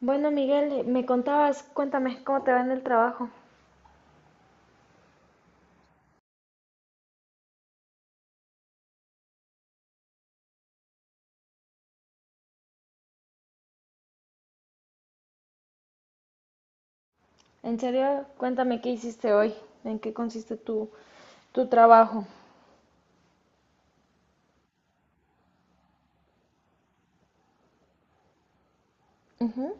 Bueno, Miguel, me contabas, cuéntame cómo te va en el trabajo. En serio, cuéntame qué hiciste hoy, en qué consiste tu trabajo. Ujú.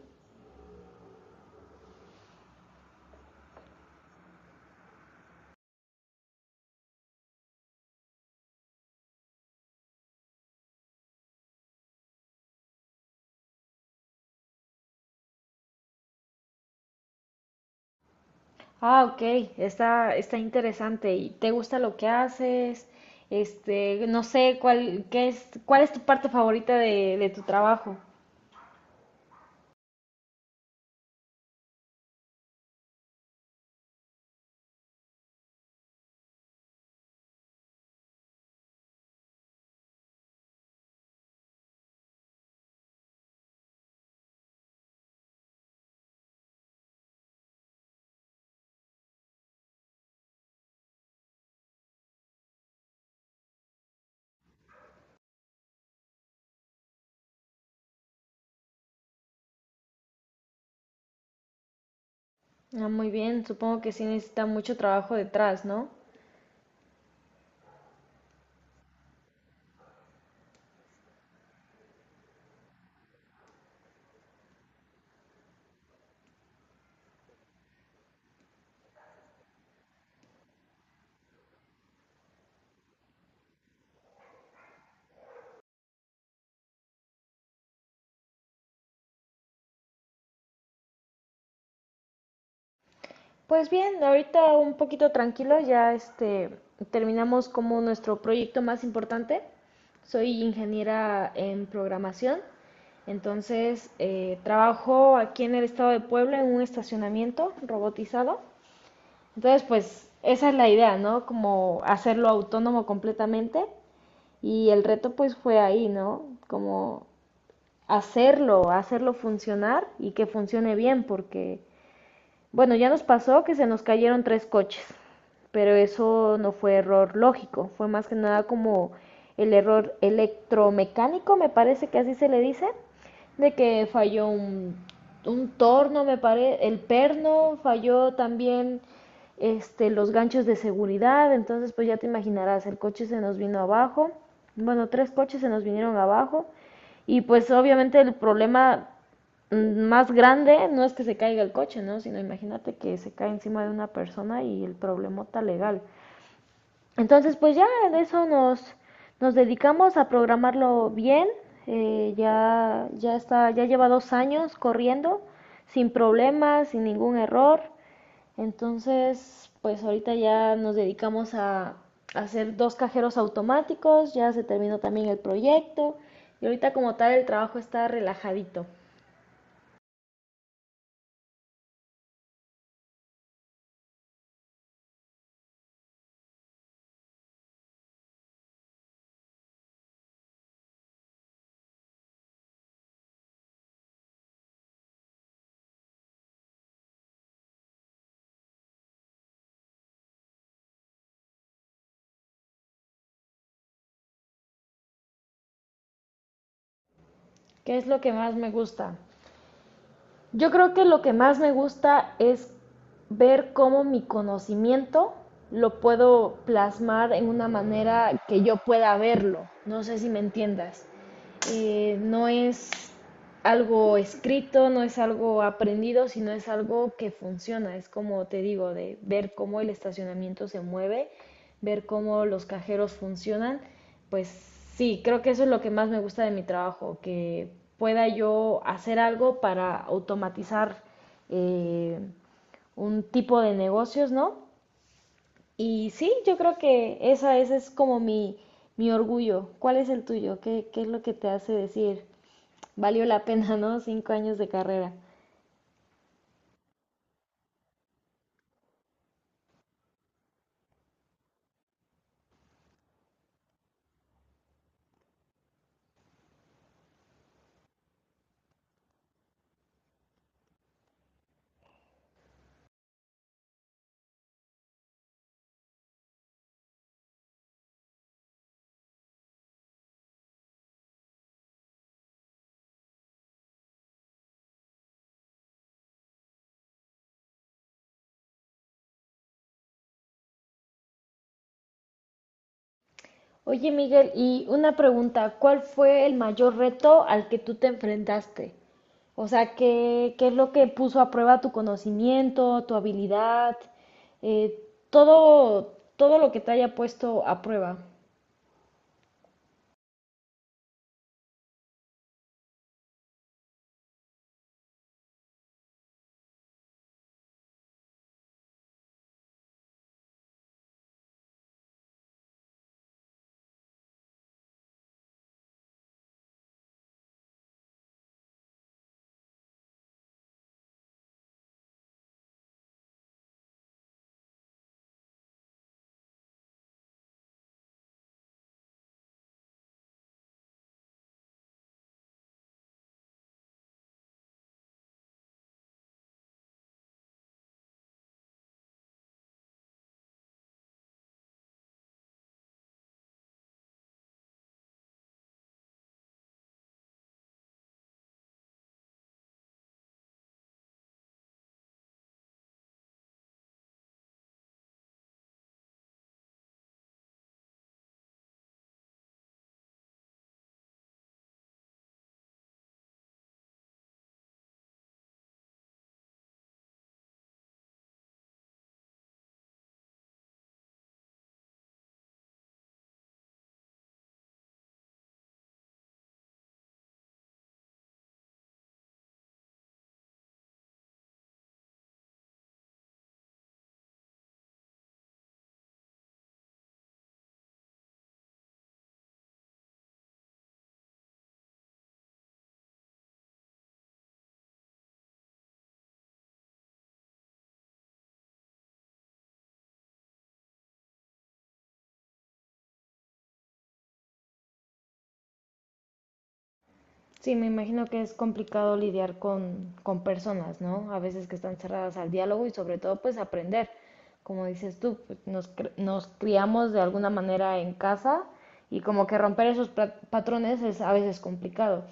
Ah, ok, está interesante. ¿Y te gusta lo que haces? No sé, cuál es tu parte favorita de tu trabajo. Ah, muy bien, supongo que sí necesita mucho trabajo detrás, ¿no? Pues bien, ahorita un poquito tranquilo, ya terminamos como nuestro proyecto más importante. Soy ingeniera en programación, entonces trabajo aquí en el estado de Puebla en un estacionamiento robotizado. Entonces, pues esa es la idea, ¿no? Como hacerlo autónomo completamente. Y el reto pues fue ahí, ¿no? Como hacerlo funcionar y que funcione bien, porque bueno, ya nos pasó que se nos cayeron tres coches, pero eso no fue error lógico, fue más que nada como el error electromecánico, me parece que así se le dice, de que falló un torno, me parece, el perno, falló también los ganchos de seguridad, entonces pues ya te imaginarás, el coche se nos vino abajo, bueno, tres coches se nos vinieron abajo y pues obviamente el problema más grande no es que se caiga el coche, ¿no? Sino imagínate que se cae encima de una persona y el problemota legal. Entonces, pues ya en eso nos dedicamos a programarlo bien. Ya está, ya lleva 2 años corriendo, sin problemas, sin ningún error. Entonces, pues ahorita ya nos dedicamos a hacer dos cajeros automáticos, ya se terminó también el proyecto y ahorita como tal el trabajo está relajadito. ¿Qué es lo que más me gusta? Yo creo que lo que más me gusta es ver cómo mi conocimiento lo puedo plasmar en una manera que yo pueda verlo. No sé si me entiendas. No es algo escrito, no es algo aprendido, sino es algo que funciona. Es como te digo, de ver cómo el estacionamiento se mueve, ver cómo los cajeros funcionan. Pues sí, creo que eso es lo que más me gusta de mi trabajo, que pueda yo hacer algo para automatizar eh, un tipo de negocios, ¿no? Y sí, yo creo que ese es como mi orgullo. ¿Cuál es el tuyo? ¿Qué es lo que te hace decir, "valió la pena"? ¿No? 5 años de carrera. Oye, Miguel, y una pregunta, ¿cuál fue el mayor reto al que tú te enfrentaste? O sea, ¿qué es lo que puso a prueba tu conocimiento, tu habilidad, eh, todo lo que te haya puesto a prueba? Sí, me imagino que es complicado lidiar con personas, ¿no? A veces que están cerradas al diálogo y sobre todo pues aprender. Como dices tú, pues, nos criamos de alguna manera en casa y como que romper esos patrones es a veces complicado.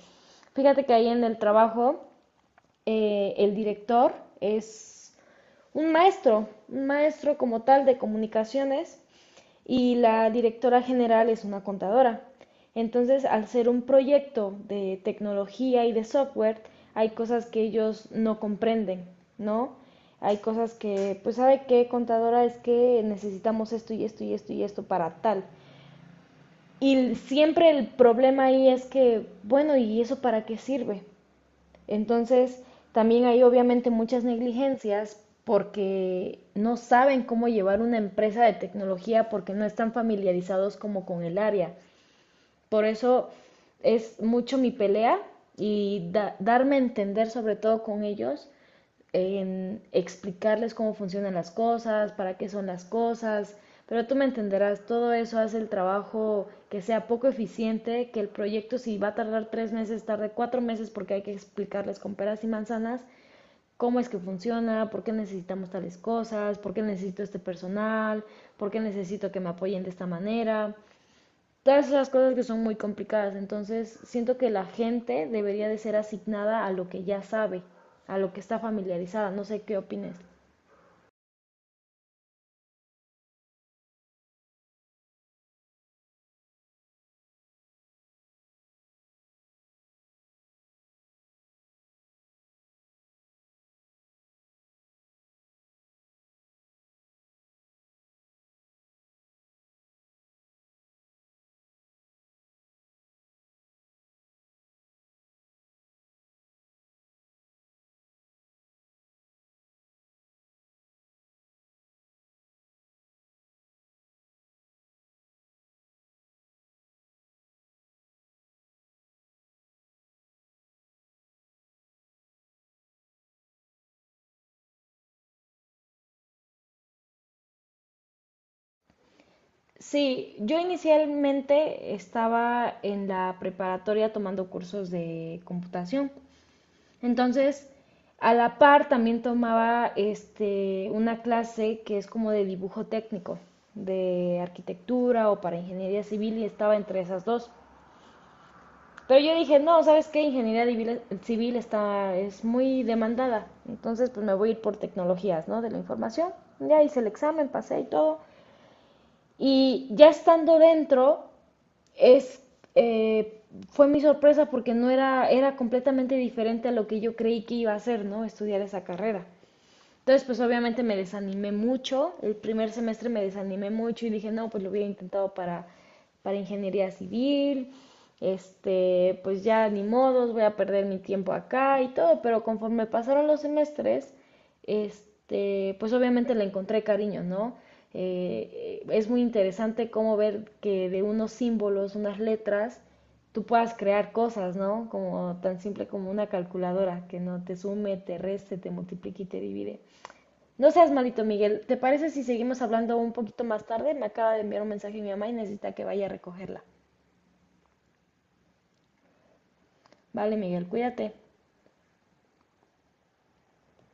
Fíjate que ahí en el trabajo el director es un maestro como tal de comunicaciones y la directora general es una contadora. Entonces, al ser un proyecto de tecnología y de software, hay cosas que ellos no comprenden, ¿no? Hay cosas que, pues, ¿sabe qué, contadora? Es que necesitamos esto y esto y esto y esto para tal. Y siempre el problema ahí es que, bueno, ¿y eso para qué sirve? Entonces, también hay obviamente muchas negligencias porque no saben cómo llevar una empresa de tecnología porque no están familiarizados como con el área. Por eso es mucho mi pelea y darme a entender sobre todo con ellos, en explicarles cómo funcionan las cosas, para qué son las cosas, pero tú me entenderás, todo eso hace el trabajo que sea poco eficiente, que el proyecto si va a tardar 3 meses, tarde 4 meses porque hay que explicarles con peras y manzanas cómo es que funciona, por qué necesitamos tales cosas, por qué necesito este personal, por qué necesito que me apoyen de esta manera todas esas cosas que son muy complicadas. Entonces, siento que la gente debería de ser asignada a lo que ya sabe, a lo que está familiarizada. No sé qué opines. Sí, yo inicialmente estaba en la preparatoria tomando cursos de computación. Entonces, a la par también tomaba una clase que es como de dibujo técnico, de arquitectura o para ingeniería civil y estaba entre esas dos. Pero yo dije, no, ¿sabes qué? Ingeniería civil es muy demandada. Entonces, pues me voy a ir por tecnologías, ¿no? De la información. Ya hice el examen, pasé y todo. Y ya estando dentro, es, eh, fue mi sorpresa porque no era, era completamente diferente a lo que yo creí que iba a hacer, ¿no? Estudiar esa carrera. Entonces, pues obviamente me desanimé mucho, el primer semestre me desanimé mucho y dije, no, pues lo hubiera intentado para ingeniería civil, pues ya ni modos, voy a perder mi tiempo acá y todo, pero conforme pasaron los semestres, pues obviamente le encontré cariño, ¿no? Es muy interesante cómo ver que de unos símbolos, unas letras, tú puedas crear cosas, ¿no? Como tan simple como una calculadora que no te sume, te reste, te multiplique y te divide. No seas malito, Miguel. ¿Te parece si seguimos hablando un poquito más tarde? Me acaba de enviar un mensaje mi mamá y necesita que vaya a recogerla. Vale, Miguel, cuídate.